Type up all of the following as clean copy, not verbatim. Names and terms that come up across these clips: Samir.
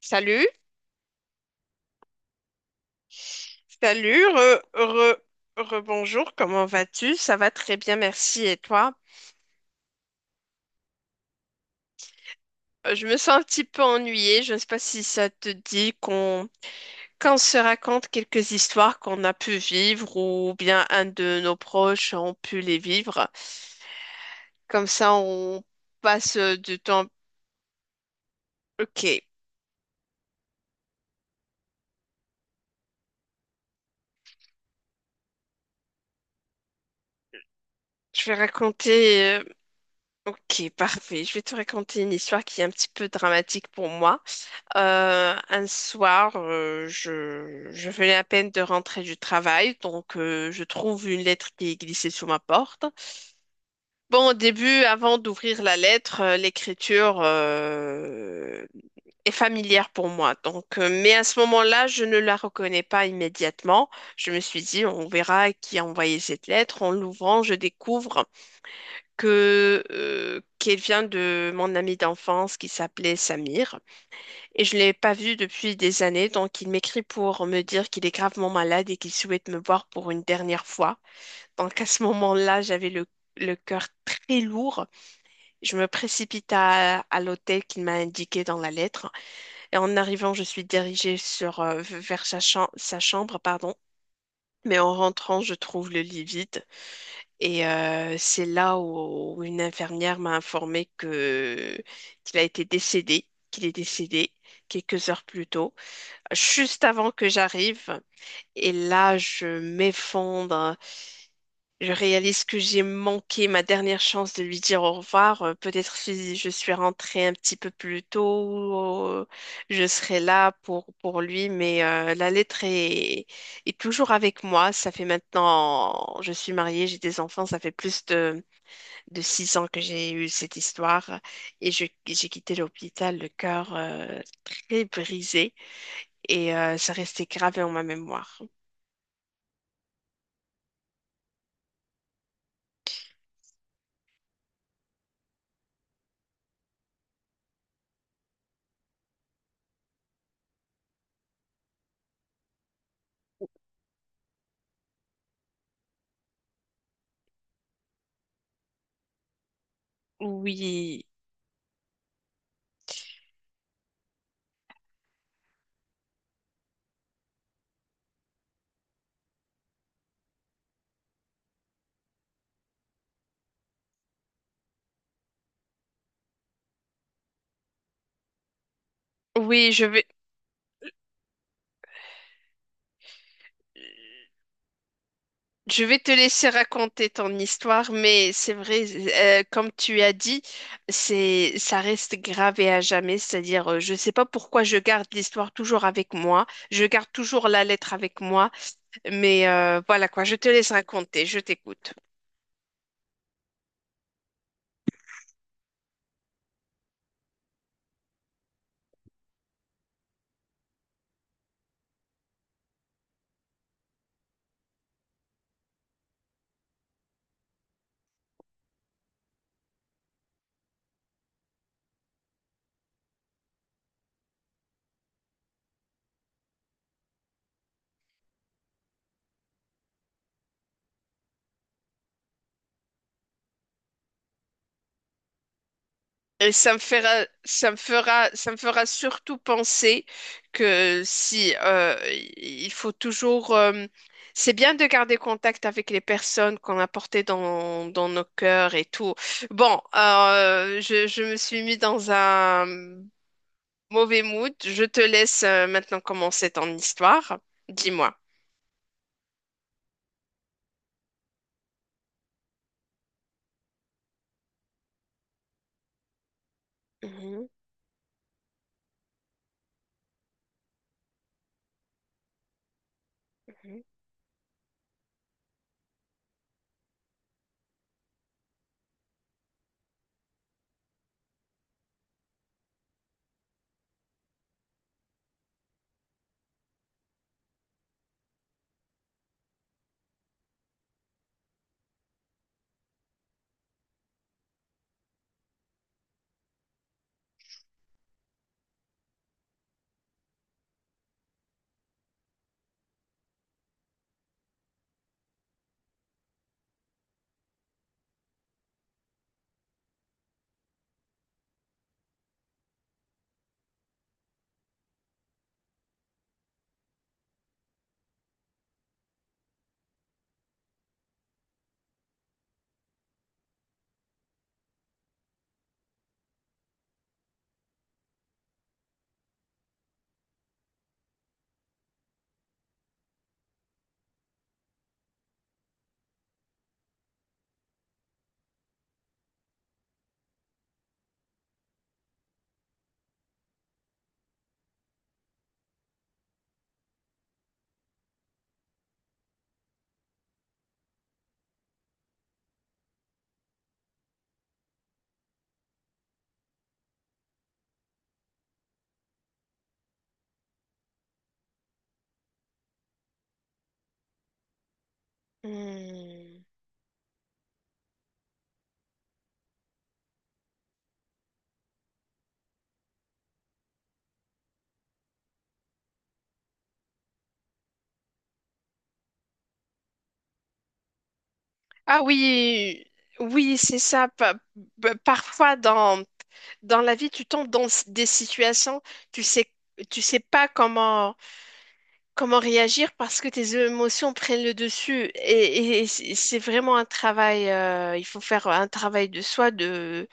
Salut, salut, rebonjour, comment vas-tu? Ça va très bien, merci. Et toi? Je me sens un petit peu ennuyée. Je ne sais pas si ça te dit qu'on se raconte quelques histoires qu'on a pu vivre ou bien un de nos proches ont pu les vivre. Comme ça, on passe du temps. Ok, je vais raconter. Ok, parfait. Je vais te raconter une histoire qui est un petit peu dramatique pour moi. Un soir, je venais à peine de rentrer du travail, donc je trouve une lettre qui est glissée sous ma porte. Bon, au début, avant d'ouvrir la lettre, l'écriture est familière pour moi. Donc, mais à ce moment-là, je ne la reconnais pas immédiatement. Je me suis dit, on verra qui a envoyé cette lettre. En l'ouvrant, je découvre que qu'elle vient de mon ami d'enfance qui s'appelait Samir. Et je l'ai pas vu depuis des années, donc il m'écrit pour me dire qu'il est gravement malade et qu'il souhaite me voir pour une dernière fois. Donc à ce moment-là, le cœur très lourd. Je me précipite à l'hôtel qu'il m'a indiqué dans la lettre. Et en arrivant, je suis dirigée vers sa chambre, pardon. Mais en rentrant, je trouve le lit vide. C'est là où une infirmière m'a informé que qu'il a été décédé, qu'il est décédé quelques heures plus tôt juste avant que j'arrive. Et là, je m'effondre. Je réalise que j'ai manqué ma dernière chance de lui dire au revoir. Peut-être si je suis rentrée un petit peu plus tôt, je serai là pour lui. Mais est toujours avec moi. Ça fait maintenant, je suis mariée, j'ai des enfants. Ça fait plus de 6 ans que j'ai eu cette histoire. Et j'ai quitté l'hôpital, le cœur très brisé et ça restait gravé en ma mémoire. Oui, oui, je vais te laisser raconter ton histoire, mais c'est vrai, comme tu as dit, ça reste gravé à jamais. C'est-à-dire, je ne sais pas pourquoi je garde l'histoire toujours avec moi, je garde toujours la lettre avec moi, mais voilà quoi, je te laisse raconter, je t'écoute. Et ça me fera surtout penser que si il faut toujours, c'est bien de garder contact avec les personnes qu'on a portées dans nos cœurs et tout. Bon, je me suis mis dans un mauvais mood. Je te laisse maintenant commencer ton histoire. Dis-moi. Mhm, mhm, mhm. Ah oui, oui, c'est ça. Parfois dans la vie, tu tombes dans des situations, tu sais, tu sais pas comment réagir parce que tes émotions prennent le dessus. Et c'est vraiment un travail, il faut faire un travail de soi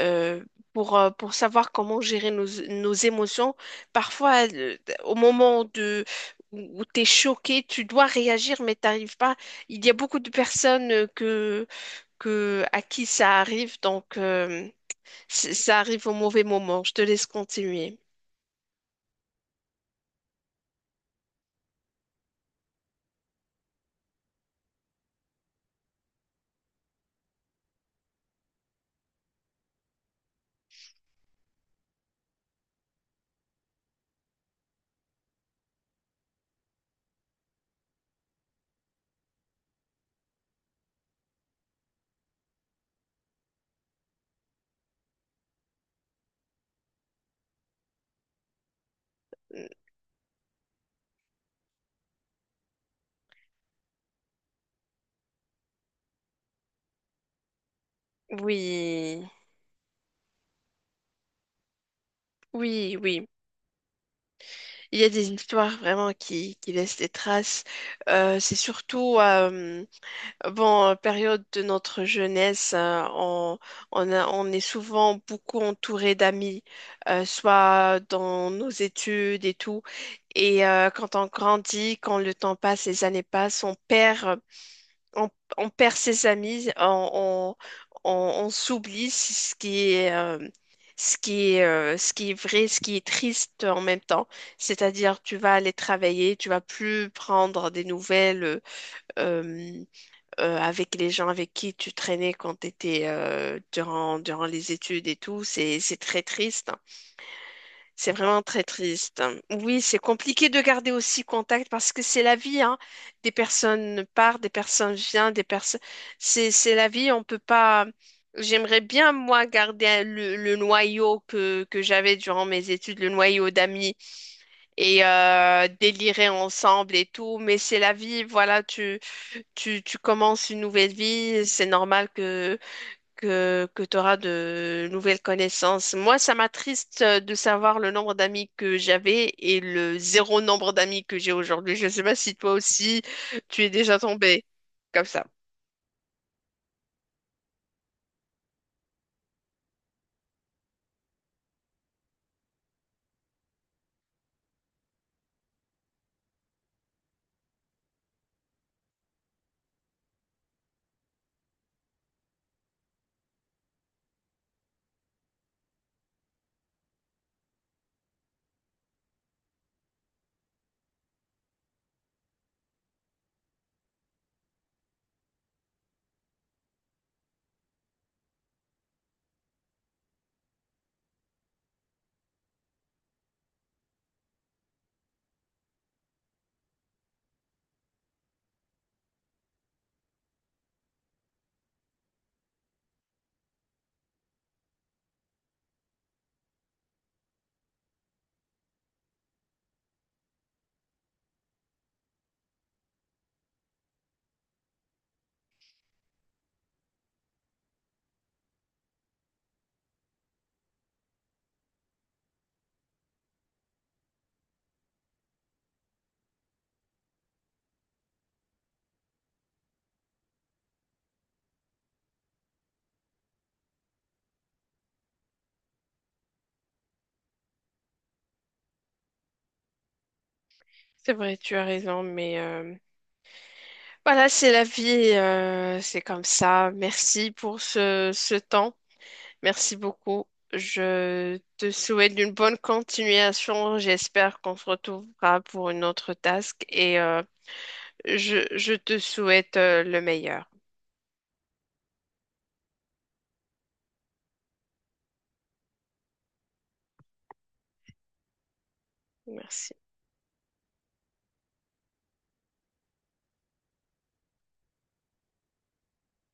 euh, pour savoir comment gérer nos émotions. Parfois, où tu es choqué, tu dois réagir, mais t'arrives pas. Il y a beaucoup de personnes à qui ça arrive, donc. Ça arrive au mauvais moment. Je te laisse continuer. Mm, oui, oui, oui. Il y a des histoires vraiment qui laissent des traces. C'est surtout, période de notre jeunesse, on est souvent beaucoup entouré d'amis, soit dans nos études et tout. Et quand on grandit, quand le temps passe, les années passent, on, on perd ses amis, on s'oublie, c'est ce qui est, ce qui est vrai, ce qui est triste en même temps. C'est-à-dire, tu vas aller travailler, tu vas plus prendre des nouvelles euh, avec les gens avec qui tu traînais quand tu étais durant les études et tout. C'est très triste. C'est vraiment très triste. Oui, c'est compliqué de garder aussi contact parce que c'est la vie, hein. Des personnes partent, des personnes viennent, des personnes. C'est la vie, on peut pas. J'aimerais bien, moi, garder le noyau que j'avais durant mes études, le noyau d'amis et délirer ensemble et tout. Mais c'est la vie, voilà, tu commences une nouvelle vie, c'est normal que tu auras de nouvelles connaissances. Moi, ça m'attriste de savoir le nombre d'amis que j'avais et le zéro nombre d'amis que j'ai aujourd'hui. Je ne sais pas si toi aussi, tu es déjà tombé comme ça. C'est vrai, tu as raison, mais voilà, c'est la vie, c'est comme ça. Merci pour ce temps. Merci beaucoup. Je te souhaite une bonne continuation. J'espère qu'on se retrouvera pour une autre task et je te souhaite le meilleur. Merci.